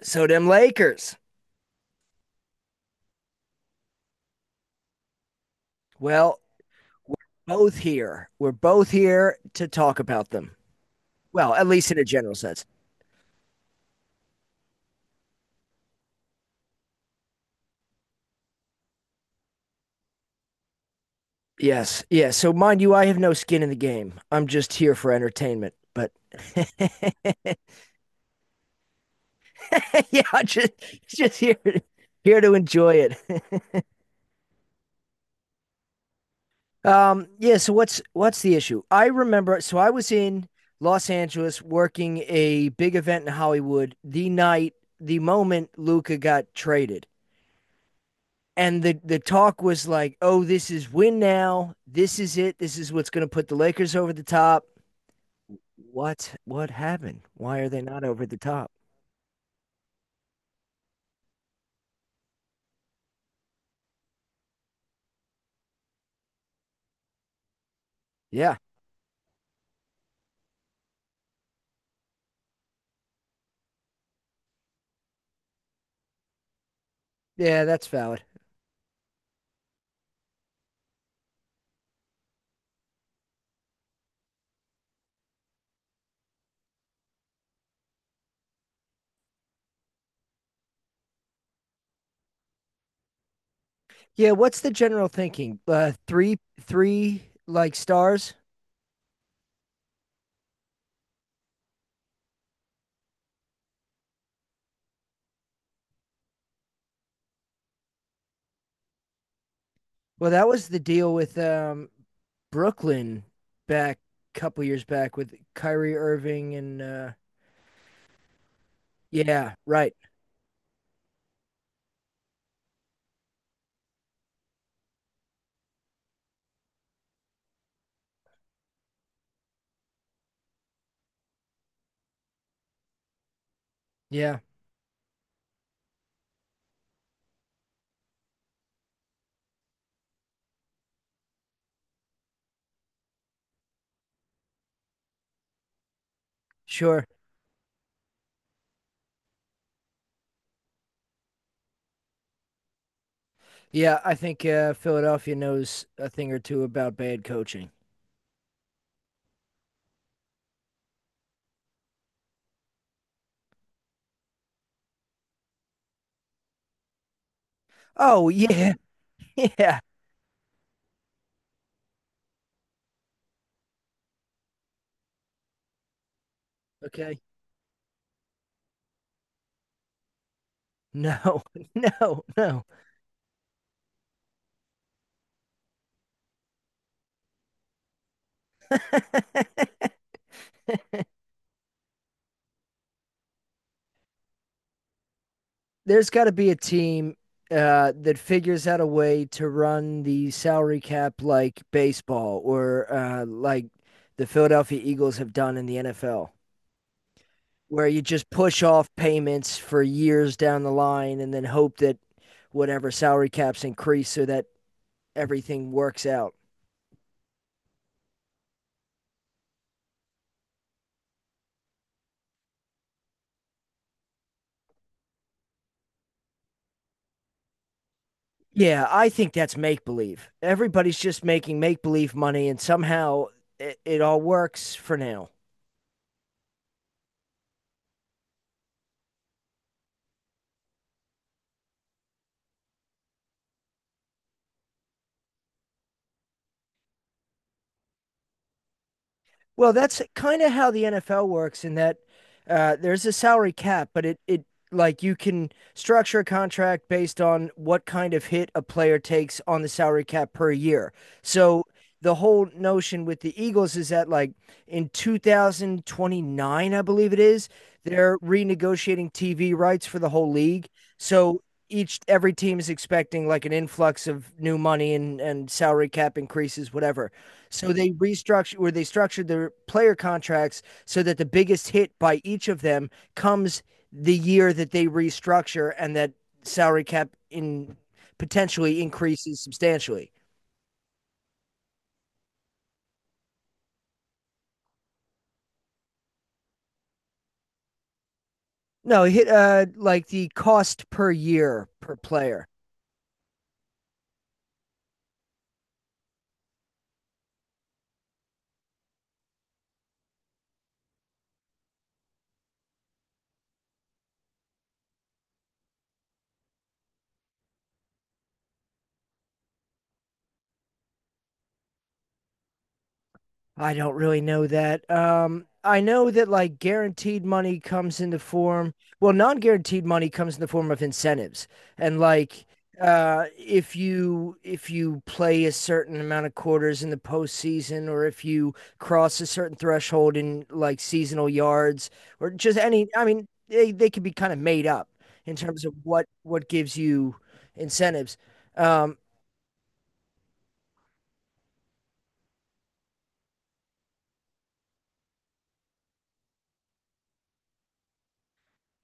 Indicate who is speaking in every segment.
Speaker 1: So them Lakers. Well, we're both here. We're both here to talk about them. Well, at least in a general sense. Yes, yes. So mind you, I have no skin in the game. I'm just here for entertainment, but yeah, I'm just just here here to enjoy it. Yeah. So what's the issue? I remember. So I was in Los Angeles working a big event in Hollywood the night, the moment Luca got traded, and the talk was like, "Oh, this is win now. This is it. This is what's going to put the Lakers over the top." What happened? Why are they not over the top? Yeah, yeah, that's valid. Yeah, what's the general thinking? Three like stars. Well, that was the deal with Brooklyn back a couple years back with Kyrie Irving and yeah, right, yeah, sure, yeah. I think Philadelphia knows a thing or two about bad coaching. Oh, yeah. Yeah. Okay. No, no, no. There's got to be a team that figures out a way to run the salary cap like baseball or like the Philadelphia Eagles have done in the NFL, where you just push off payments for years down the line and then hope that whatever salary caps increase so that everything works out. Yeah, I think that's make believe. Everybody's just making make believe money, and somehow it all works for now. Well, that's kind of how the NFL works in that there's a salary cap, but it like you can structure a contract based on what kind of hit a player takes on the salary cap per year. So the whole notion with the Eagles is that like in 2029, I believe it is, they're renegotiating TV rights for the whole league. So each every team is expecting like an influx of new money and salary cap increases, whatever. So they restructured or they structured their player contracts so that the biggest hit by each of them comes the year that they restructure and that salary cap in potentially increases substantially. No, hit like the cost per year per player. I don't really know that. I know that like guaranteed money comes in the form, well, non guaranteed money comes in the form of incentives. And like, if you play a certain amount of quarters in the postseason, or if you cross a certain threshold in like seasonal yards, or just any, I mean, they can be kind of made up in terms of what gives you incentives. Um,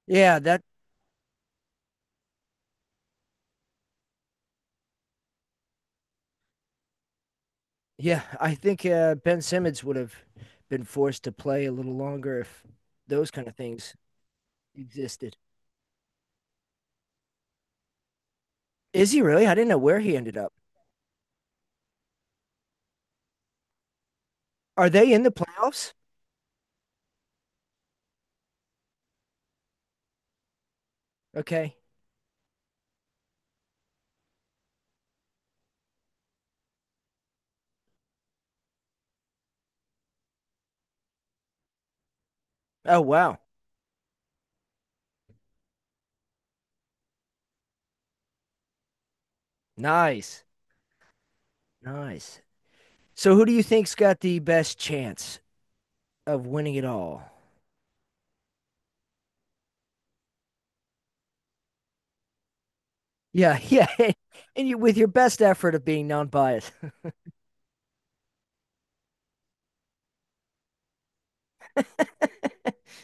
Speaker 1: yeah, that yeah, I think Ben Simmons would have been forced to play a little longer if those kind of things existed. Is he really? I didn't know where he ended up. Are they in the playoffs? Okay. Oh, wow. Nice. Nice. So, who do you think's got the best chance of winning it all? Yeah, yeah. And you with your best effort of being non-biased.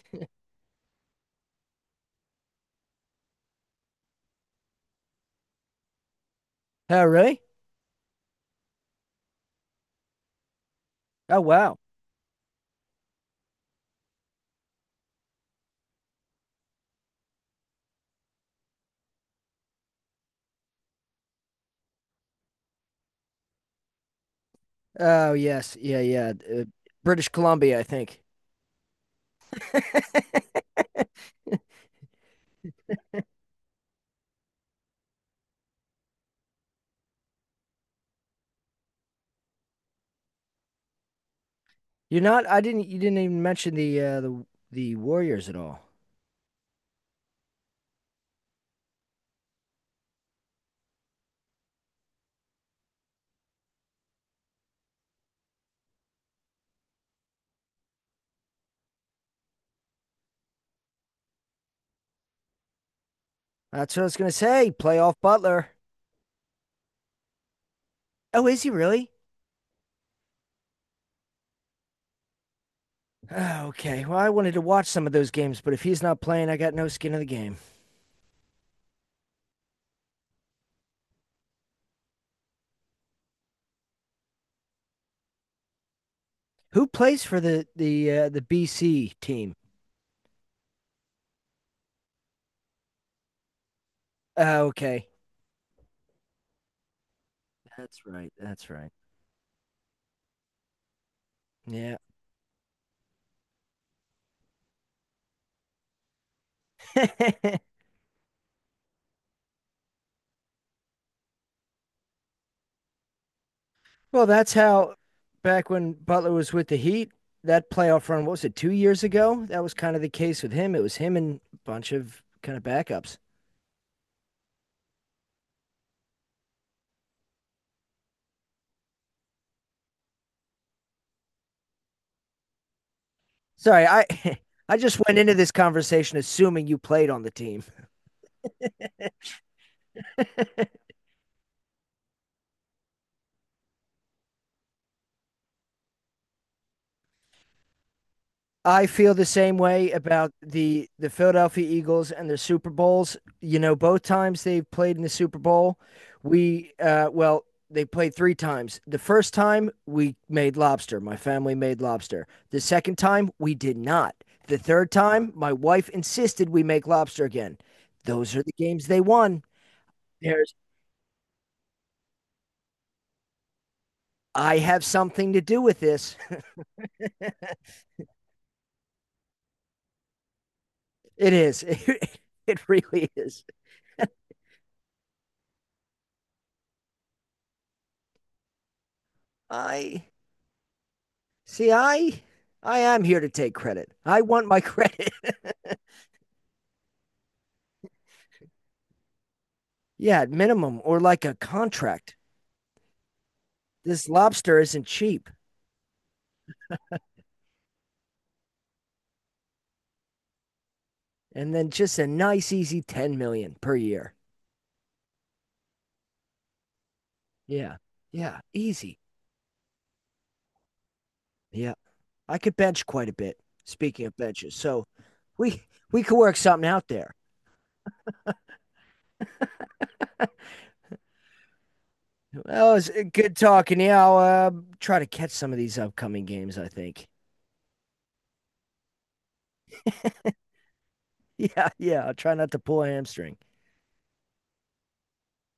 Speaker 1: Oh, really? Oh, wow. Oh, yes. Yeah, yeah. British Columbia, I think. You're not. I didn't. You didn't even mention the the Warriors at all. That's what I was gonna say. Playoff Butler. Oh, is he really? Ah, okay. Well, I wanted to watch some of those games, but if he's not playing, I got no skin in the game. Who plays for the BC team? Ah, okay. That's right. That's right. Yeah. Well, that's how back when Butler was with the Heat, that playoff run, what was it, 2 years ago? That was kind of the case with him. It was him and a bunch of kind of backups. Sorry, I I just went into this conversation assuming you played on the team. I feel the same way about the Philadelphia Eagles and their Super Bowls. You know, both times they played in the Super Bowl, we well, they played 3 times. The first time we made lobster. My family made lobster. The second time we did not. The third time my wife insisted we make lobster again. Those are the games they won. There's I have something to do with this. It is. It really is. I see. I am here to take credit. I want my credit. Yeah, at minimum or like a contract. This lobster isn't cheap. And then just a nice, easy 10 million per year. Yeah, yeah, easy. Yeah, I could bench quite a bit. Speaking of benches, so we we could work something out there. Well, it's good talking. Yeah, I'll try to catch some of these upcoming games, I think. Yeah, yeah. I'll try not to pull a hamstring.